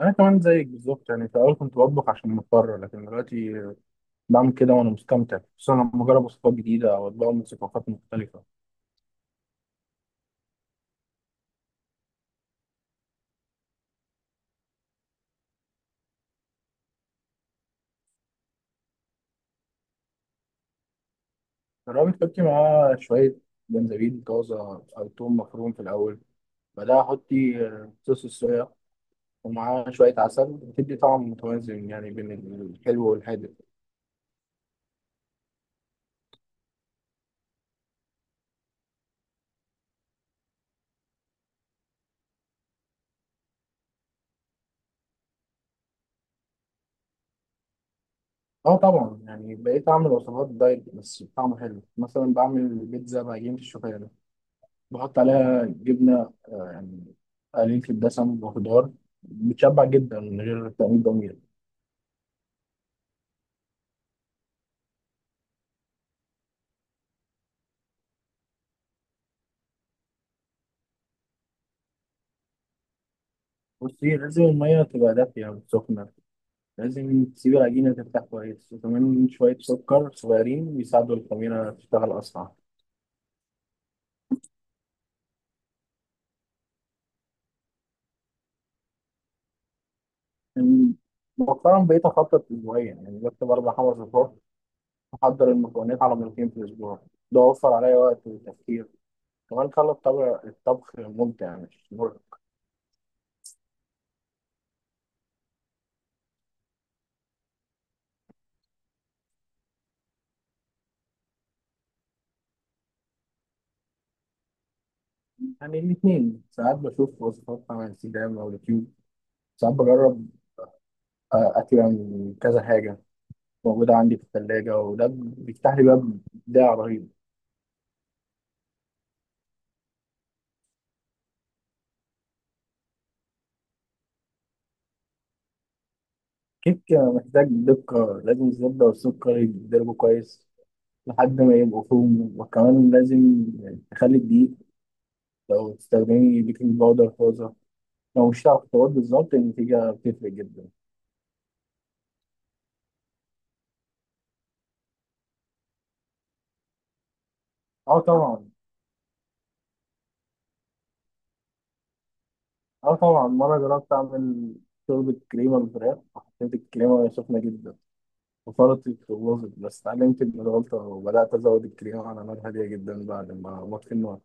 انا كمان زيك بالظبط، يعني في الاول كنت بطبخ عشان مضطر، لكن دلوقتي بعمل كده وانا مستمتع، خصوصا لما اجرب وصفات جديده او اطباق من ثقافات مختلفه. جربت تحطي معاه شويه جنزبيل طازه او توم مفروم في الاول، بعدها حطي صوص الصويا ومعاه شويه عسل، بتدي طعم متوازن يعني بين الحلو والحادق. اه طبعا، يعني بقيت اعمل وصفات دايت بس بطعم حلو، مثلا بعمل بيتزا بعجينه الشوفان، بحط عليها جبنة يعني قليل في الدسم وخضار، بتشبع جدا من غير تأمين ضمير. بصي، لازم المية تبقى دافية وسخنة، لازم تسيب العجينة ترتاح كويس، وكمان شوية سكر صغيرين يساعدوا الخميرة تشتغل أسرع. يعني مؤخرا بقيت أخطط أسبوعيا، يعني بكتب أربع خمس صفار، أحضر المكونات على مرتين في الأسبوع. ده وفر عليا وقت وتفكير، كمان خلى الطبخ ممتع مش مرهق. يعني الاتنين، ساعات بشوف وصفات على انستجرام أو يوتيوب، ساعات بجرب أكلة من كذا حاجة موجودة عندي في الثلاجة، وده بيفتح لي باب إبداع رهيب. كيك محتاج دقة، لازم الزبدة والسكر يتضربوا كويس لحد ما يبقوا فوم، وكمان لازم تخلي الدقيق، لو تستخدمي بيكنج باودر طازة لو مش هتعرف تقول بالظبط، النتيجة بتفرق جدا. اه طبعا. اه طبعا، مرة جربت أعمل شوربة كريمة بالفراخ، وحطيت الكريمة سخنة جدا وفرطي في الوظف، بس اتعلمت من الغلطة وبدأت أزود الكريمة على نار هادية جدا بعد ما أطفي النار.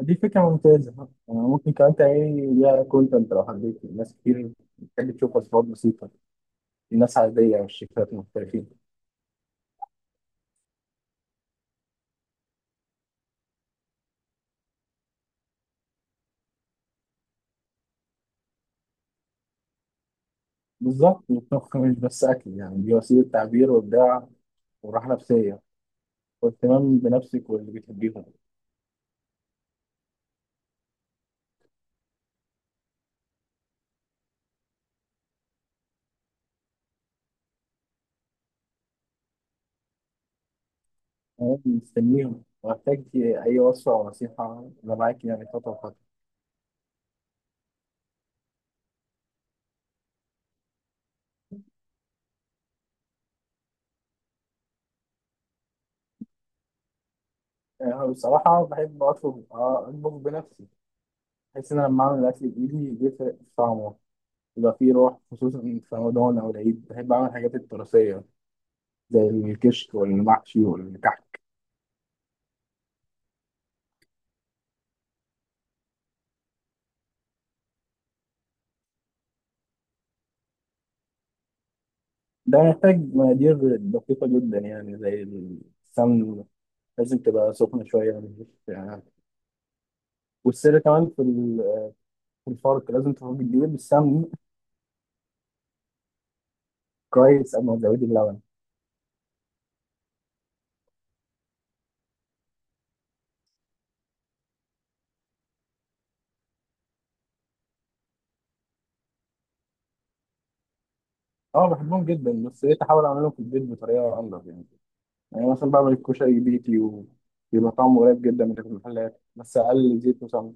دي فكرة ممتازة، يعني ممكن كمان تعملي ليها كونتنت لو حبيت، ناس كتير بتحب تشوف وصفات بسيطة، الناس عادية والشيفات محترفين. بالظبط، الطبخ مش بس أكل، يعني دي وسيلة تعبير وإبداع وراحة نفسية، واهتمام بنفسك واللي بتحبيهم. أنا مستنيهم، وأحتاج أي وصفة أو نصيحة أنا معاك يعني خطوة بخطوة. يعني أنا بصراحة بحب أطلب أطبخ بنفسي، بحس إن أنا لما أعمل الأكل بإيدي بيفرق في طعمه، بيبقى فيه روح. خصوصا في رمضان أو العيد بحب أعمل الحاجات التراثية زي الكشك والمحشي والكحك. ده محتاج مقادير دقيقة جدا، يعني زي السمن لازم تبقى سخنة شوية يعني. والسر كمان في الفرق، لازم تفرق الدقيق بالسمن كويس قبل ما تزودي اللبن. اه بحبهم جدا، بس بقيت احاول اعملهم في البيت بطريقه انضف يعني. يعني مثلا بعمل الكشري بيتي وبيبقى طعمه قريب جدا من اللي في المحلات، بس اقل زيت وسمنه.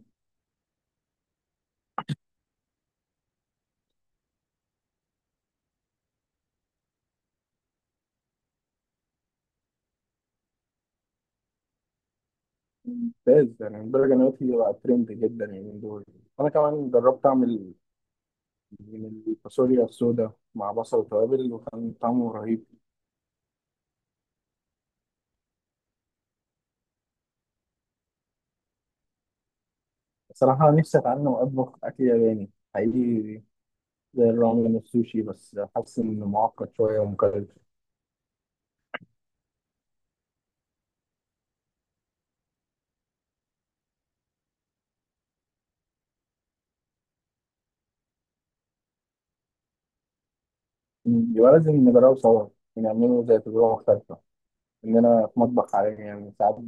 ممتاز، يعني البرجر دلوقتي بقى ترند جدا، يعني من دول. انا كمان جربت اعمل من الفاصوليا السوداء مع بصل وتوابل، وكان طعمه رهيب. صراحة نفسي اتعلم اطبخ اكل ياباني حقيقي، زي الرامن والسوشي، بس حاسس انه معقد شوية ومكلف. يبقى لازم نجربه سوا، ونعمله زي تجربة مختلفة اننا في مطبخ عالمي. يعني ساعات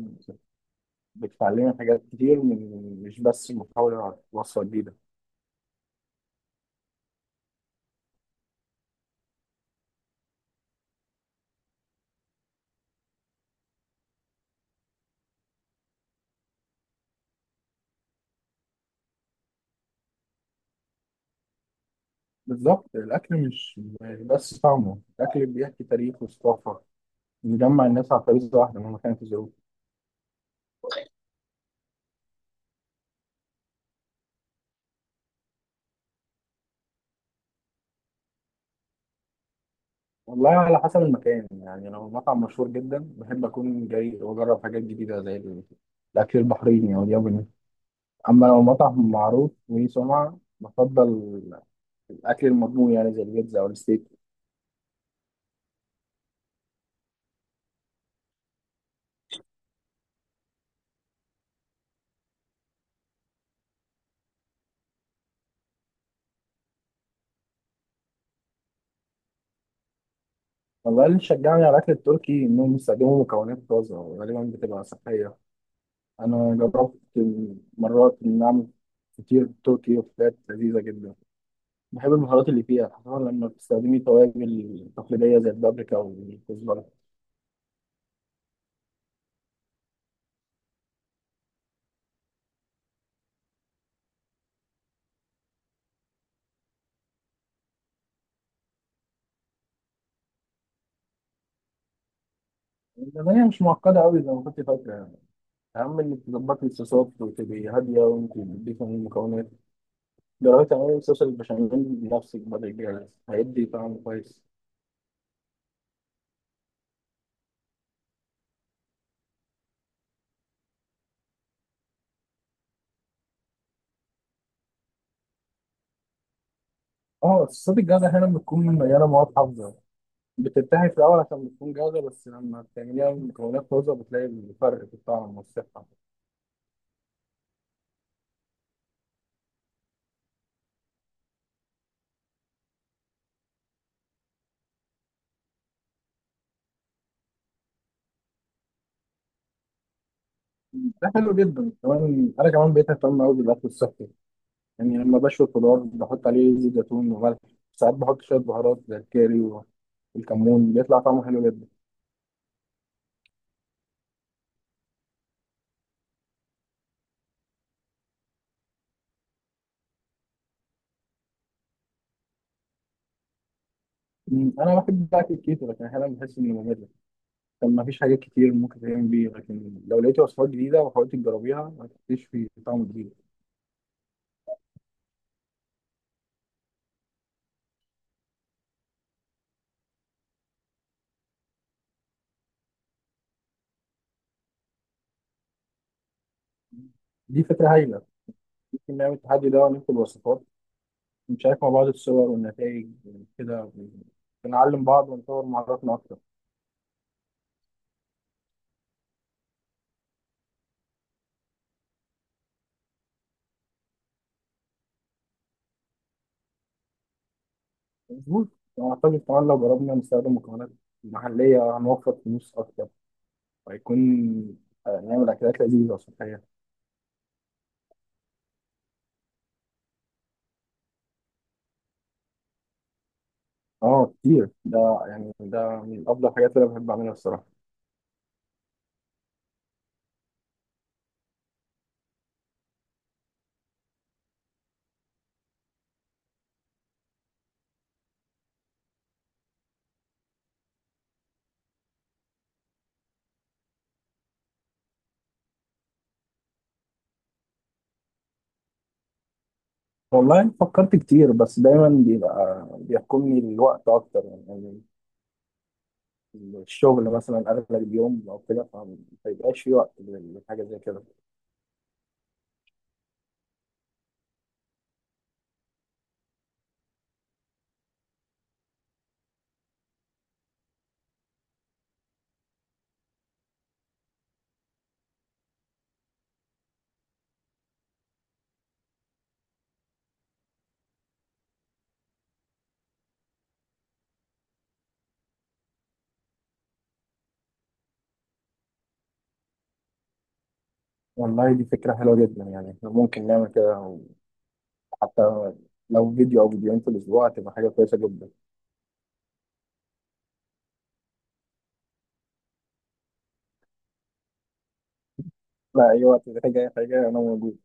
بتعلمنا حاجات كتير، من مش بس محاولة وصفة جديدة. بالظبط، الأكل مش يعني بس طعمه، الأكل بيحكي تاريخ وثقافة، بيجمع الناس على خريطة واحدة مهما كانت الظروف. والله على حسب المكان، يعني لو مطعم مشهور جدا بحب أكون جاي وأجرب حاجات جديدة زي الأكل البحريني أو الياباني. أما لو مطعم معروف وليه سمعة، بفضل الأكل المضمون، يعني زي البيتزا أو الستيك. والله اللي شجعني على الأكل التركي إنهم بيستخدموا مكونات طازة وغالبا بتبقى صحية. أنا جربت مرات إن أعمل فطير تركي وفطيرات لذيذة جدا، بحب المهارات اللي فيها، خصوصا لما بتستخدمي توابل تقليدية زي البابريكا والكزبرة. لأن هي مش معقدة أوي زي ما كنت فاكرة يعني، أهم إنك تظبطي الصوصات وتبقي هادية وأنت بتضيفي المكونات. جربي تعملي صوص البشاميل بنفسك بدل الجاهز، هيدي طعم كويس. اه، الصوصات الجاهزة أحيانا بتكون مليانة مواد حافظة، بتنتهي في الأول عشان بتكون جاهزة، بس لما بتعمليها من مكونات طازة بتلاقي الفرق في الطعم والصحة. ده حلو جدا، كمان أنا كمان بقيت أهتم أوي بالأكل الصحي. يعني لما بشوي الخضار بحط عليه زيت زيتون وملح، ساعات بحط شوية بهارات زي الكاري والكمون، بيطلع طعمه حلو جدا. أنا بحب أكل الكيتو، لكن أحيانا بحس إنه ممل، كان مفيش حاجات كتير ممكن تتعمل بيه. لكن لو لقيت وصفات جديدة وحاولت تجربيها هتكتشفي طعم جديد. دي فكرة هايلة، ممكن نعمل التحدي ده ونكتب وصفات، ونشارك مع بعض الصور والنتائج. كده بنعلم بعض ونطور مهاراتنا أكتر. مظبوط، أعتقد كمان لو جربنا نستخدم مكونات محلية هنوفر فلوس أكتر، وهيكون نعمل أكلات لذيذة صحية. اه كتير ده، يعني ده من أفضل الحاجات اللي أنا بحب أعملها الصراحة. والله فكرت كتير، بس دايما بيبقى بيحكمني الوقت أكتر، يعني الشغل مثلا أغلب اليوم أو كده، فما بيبقاش في وقت لحاجة زي كده. والله دي فكرة حلوة جدا، يعني احنا ممكن نعمل كده حتى لو فيديو أو فيديوهين في الأسبوع، هتبقى حاجة كويسة جدا. لا، أي وقت محتاج أي حاجة أنا موجود.